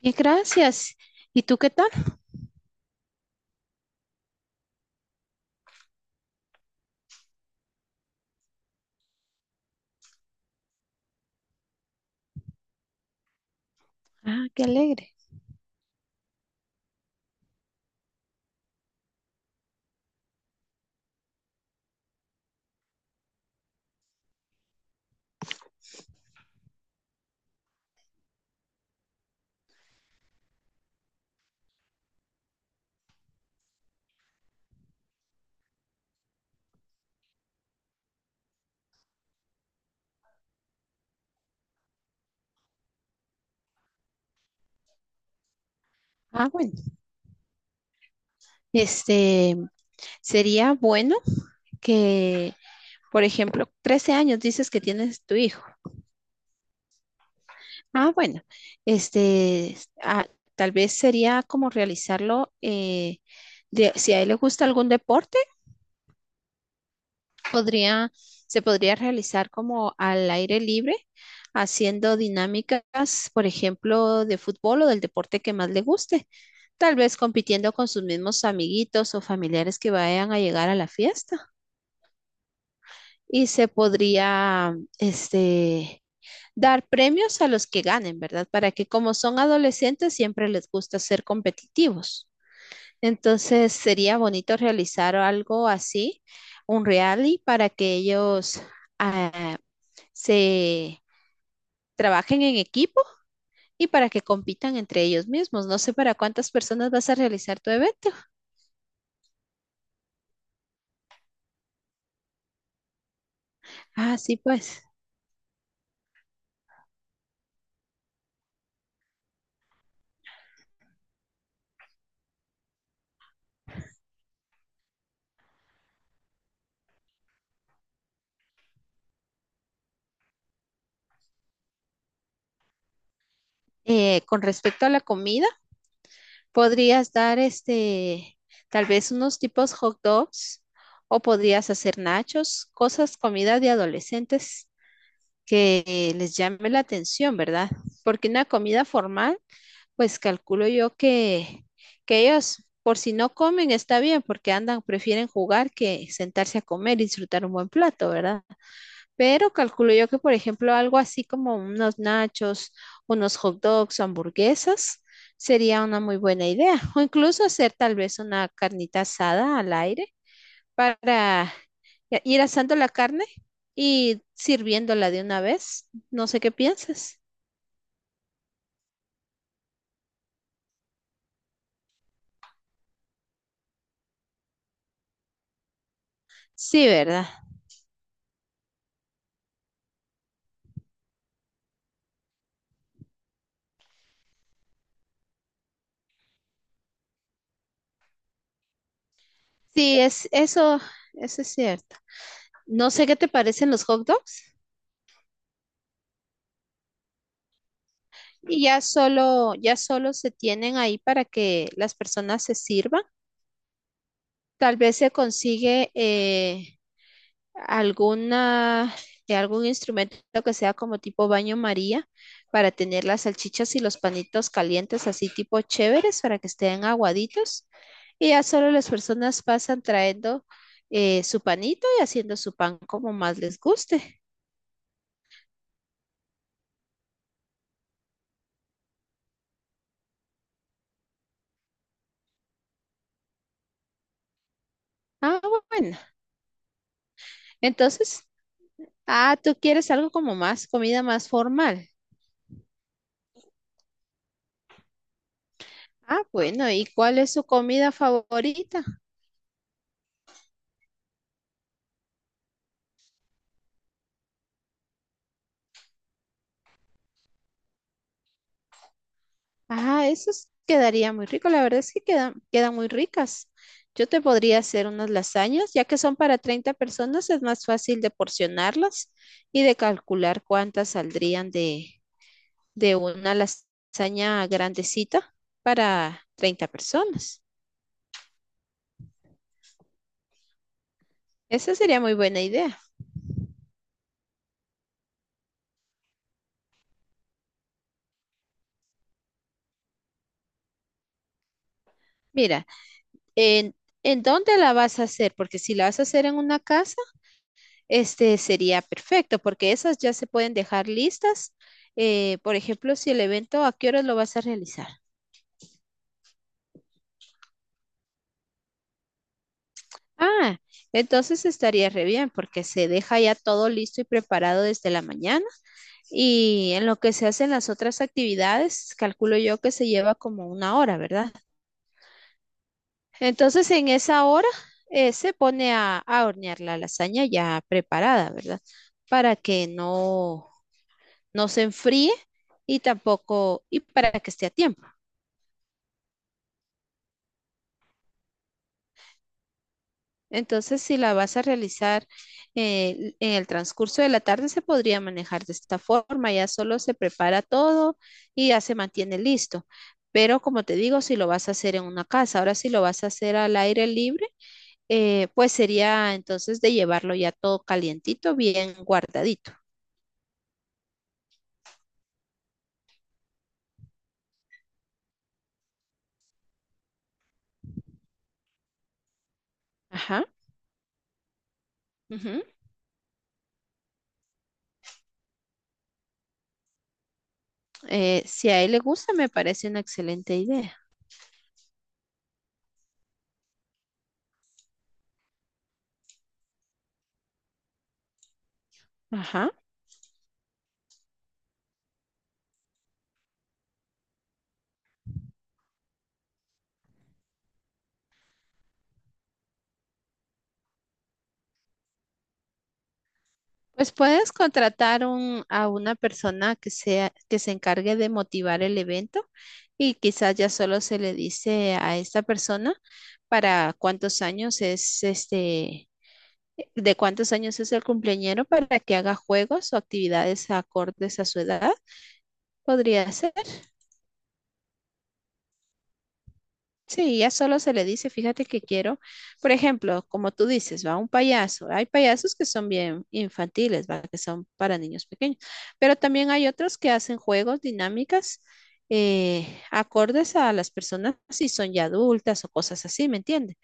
Bien, gracias. ¿Y tú qué tal? Ah, qué alegre. Ah, bueno. Este, Sería bueno que, por ejemplo, 13 años dices que tienes tu hijo. Ah, bueno. Este, ah, Tal vez sería como realizarlo, si a él le gusta algún deporte. podría, Se podría realizar como al aire libre, haciendo dinámicas, por ejemplo, de fútbol o del deporte que más le guste, tal vez compitiendo con sus mismos amiguitos o familiares que vayan a llegar a la fiesta. Y se podría, dar premios a los que ganen, ¿verdad? Para que como son adolescentes, siempre les gusta ser competitivos. Entonces, sería bonito realizar algo así, un rally, para que ellos... ah, se trabajen en equipo y para que compitan entre ellos mismos. No sé para cuántas personas vas a realizar tu evento. Ah, sí, pues. Con respecto a la comida, podrías dar tal vez unos tipos hot dogs o podrías hacer nachos, cosas, comida de adolescentes que les llame la atención, ¿verdad? Porque una comida formal. Pues calculo yo que ellos, por si no comen, está bien, porque andan, prefieren jugar que sentarse a comer y disfrutar un buen plato, ¿verdad? Pero calculo yo que, por ejemplo, algo así como unos nachos, unos hot dogs, o hamburguesas, sería una muy buena idea. O incluso hacer tal vez una carnita asada al aire para ya ir asando la carne y sirviéndola de una vez. No sé qué piensas. Sí, ¿verdad? Sí, eso es cierto. No sé qué te parecen los hot dogs y ya solo se tienen ahí para que las personas se sirvan. Tal vez se consigue alguna, algún instrumento que sea como tipo baño María para tener las salchichas y los panitos calientes así tipo chéveres para que estén aguaditos. Y ya solo las personas pasan trayendo su panito y haciendo su pan como más les guste. Ah, bueno. Entonces, tú quieres algo como más, comida más formal. Ah, bueno, ¿y cuál es su comida favorita? Ah, quedaría muy rico. La verdad es que quedan muy ricas. Yo te podría hacer unas lasañas, ya que son para 30 personas, es más fácil de porcionarlas y de calcular cuántas saldrían de una lasaña grandecita para 30 personas. Esa sería muy buena idea. Mira, en, ¿en dónde la vas a hacer? Porque si la vas a hacer en una casa, este sería perfecto porque esas ya se pueden dejar listas. Por ejemplo, si el evento, ¿a qué horas lo vas a realizar? Ah, entonces estaría re bien porque se deja ya todo listo y preparado desde la mañana y en lo que se hacen las otras actividades, calculo yo que se lleva como una hora, ¿verdad? Entonces en esa hora se pone a hornear la lasaña ya preparada, ¿verdad? Para que no, no se enfríe y tampoco, y para que esté a tiempo. Entonces, si la vas a realizar en el transcurso de la tarde, se podría manejar de esta forma. Ya solo se prepara todo y ya se mantiene listo. Pero como te digo, si lo vas a hacer en una casa, ahora si lo vas a hacer al aire libre, pues sería entonces de llevarlo ya todo calientito, bien guardadito. Ajá. Ujú. Si a él le gusta, me parece una excelente idea. Ajá. Pues puedes contratar a una persona que sea, que se encargue de motivar el evento y quizás ya solo se le dice a esta persona para cuántos años es este, de cuántos años es el cumpleañero para que haga juegos o actividades acordes a su edad. Podría ser. Sí, ya solo se le dice, fíjate que quiero, por ejemplo, como tú dices, va un payaso. Hay payasos que son bien infantiles, va, que son para niños pequeños, pero también hay otros que hacen juegos, dinámicas, acordes a las personas si son ya adultas o cosas así, ¿me entiendes?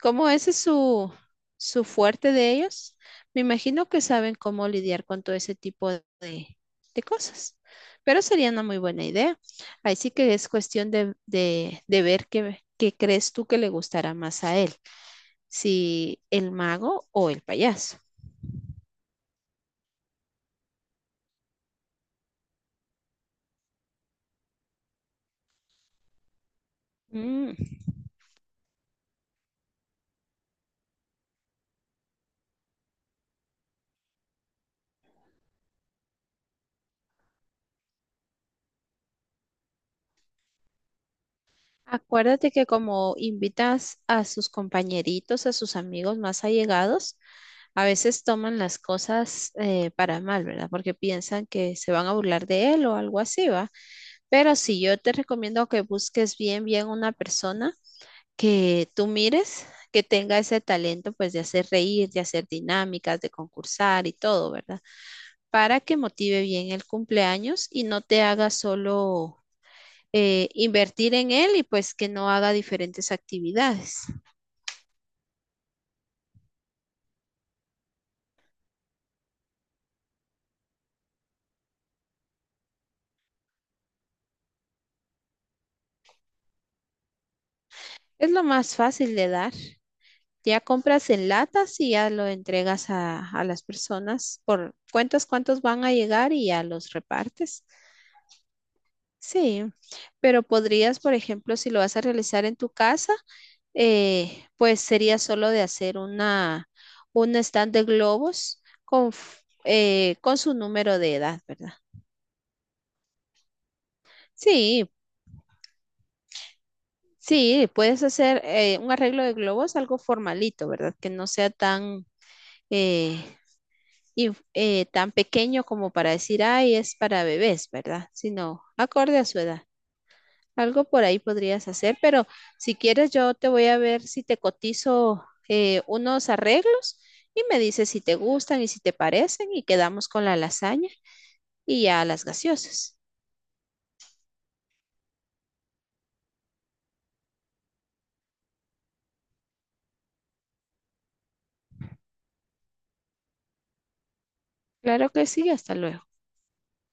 Como ese es su, su fuerte de ellos, me imagino que saben cómo lidiar con todo ese tipo de cosas. Pero sería una muy buena idea. Ahí sí que es cuestión de ver qué crees tú que le gustará más a él, si el mago o el payaso. Mm. Acuérdate que como invitas a sus compañeritos, a sus amigos más allegados, a veces toman las cosas para mal, ¿verdad? Porque piensan que se van a burlar de él o algo así, ¿va? Pero sí, yo te recomiendo que busques bien, bien una persona que tú mires, que tenga ese talento, pues, de hacer reír, de hacer dinámicas, de concursar y todo, ¿verdad? Para que motive bien el cumpleaños y no te haga solo invertir en él y pues que no haga diferentes actividades. Es lo más fácil de dar. Ya compras en latas y ya lo entregas a las personas por cuentas cuántos van a llegar y ya los repartes. Sí, pero podrías, por ejemplo, si lo vas a realizar en tu casa, pues sería solo de hacer un stand de globos con su número de edad, ¿verdad? Sí, sí, puedes hacer un arreglo de globos, algo formalito, ¿verdad? Que no sea eh, tan pequeño como para decir, ay, es para bebés, ¿verdad? Sino acorde a su edad. Algo por ahí podrías hacer, pero si quieres yo te voy a ver si te cotizo unos arreglos y me dices si te gustan y si te parecen y quedamos con la lasaña y ya las gaseosas. Claro que sí, hasta luego.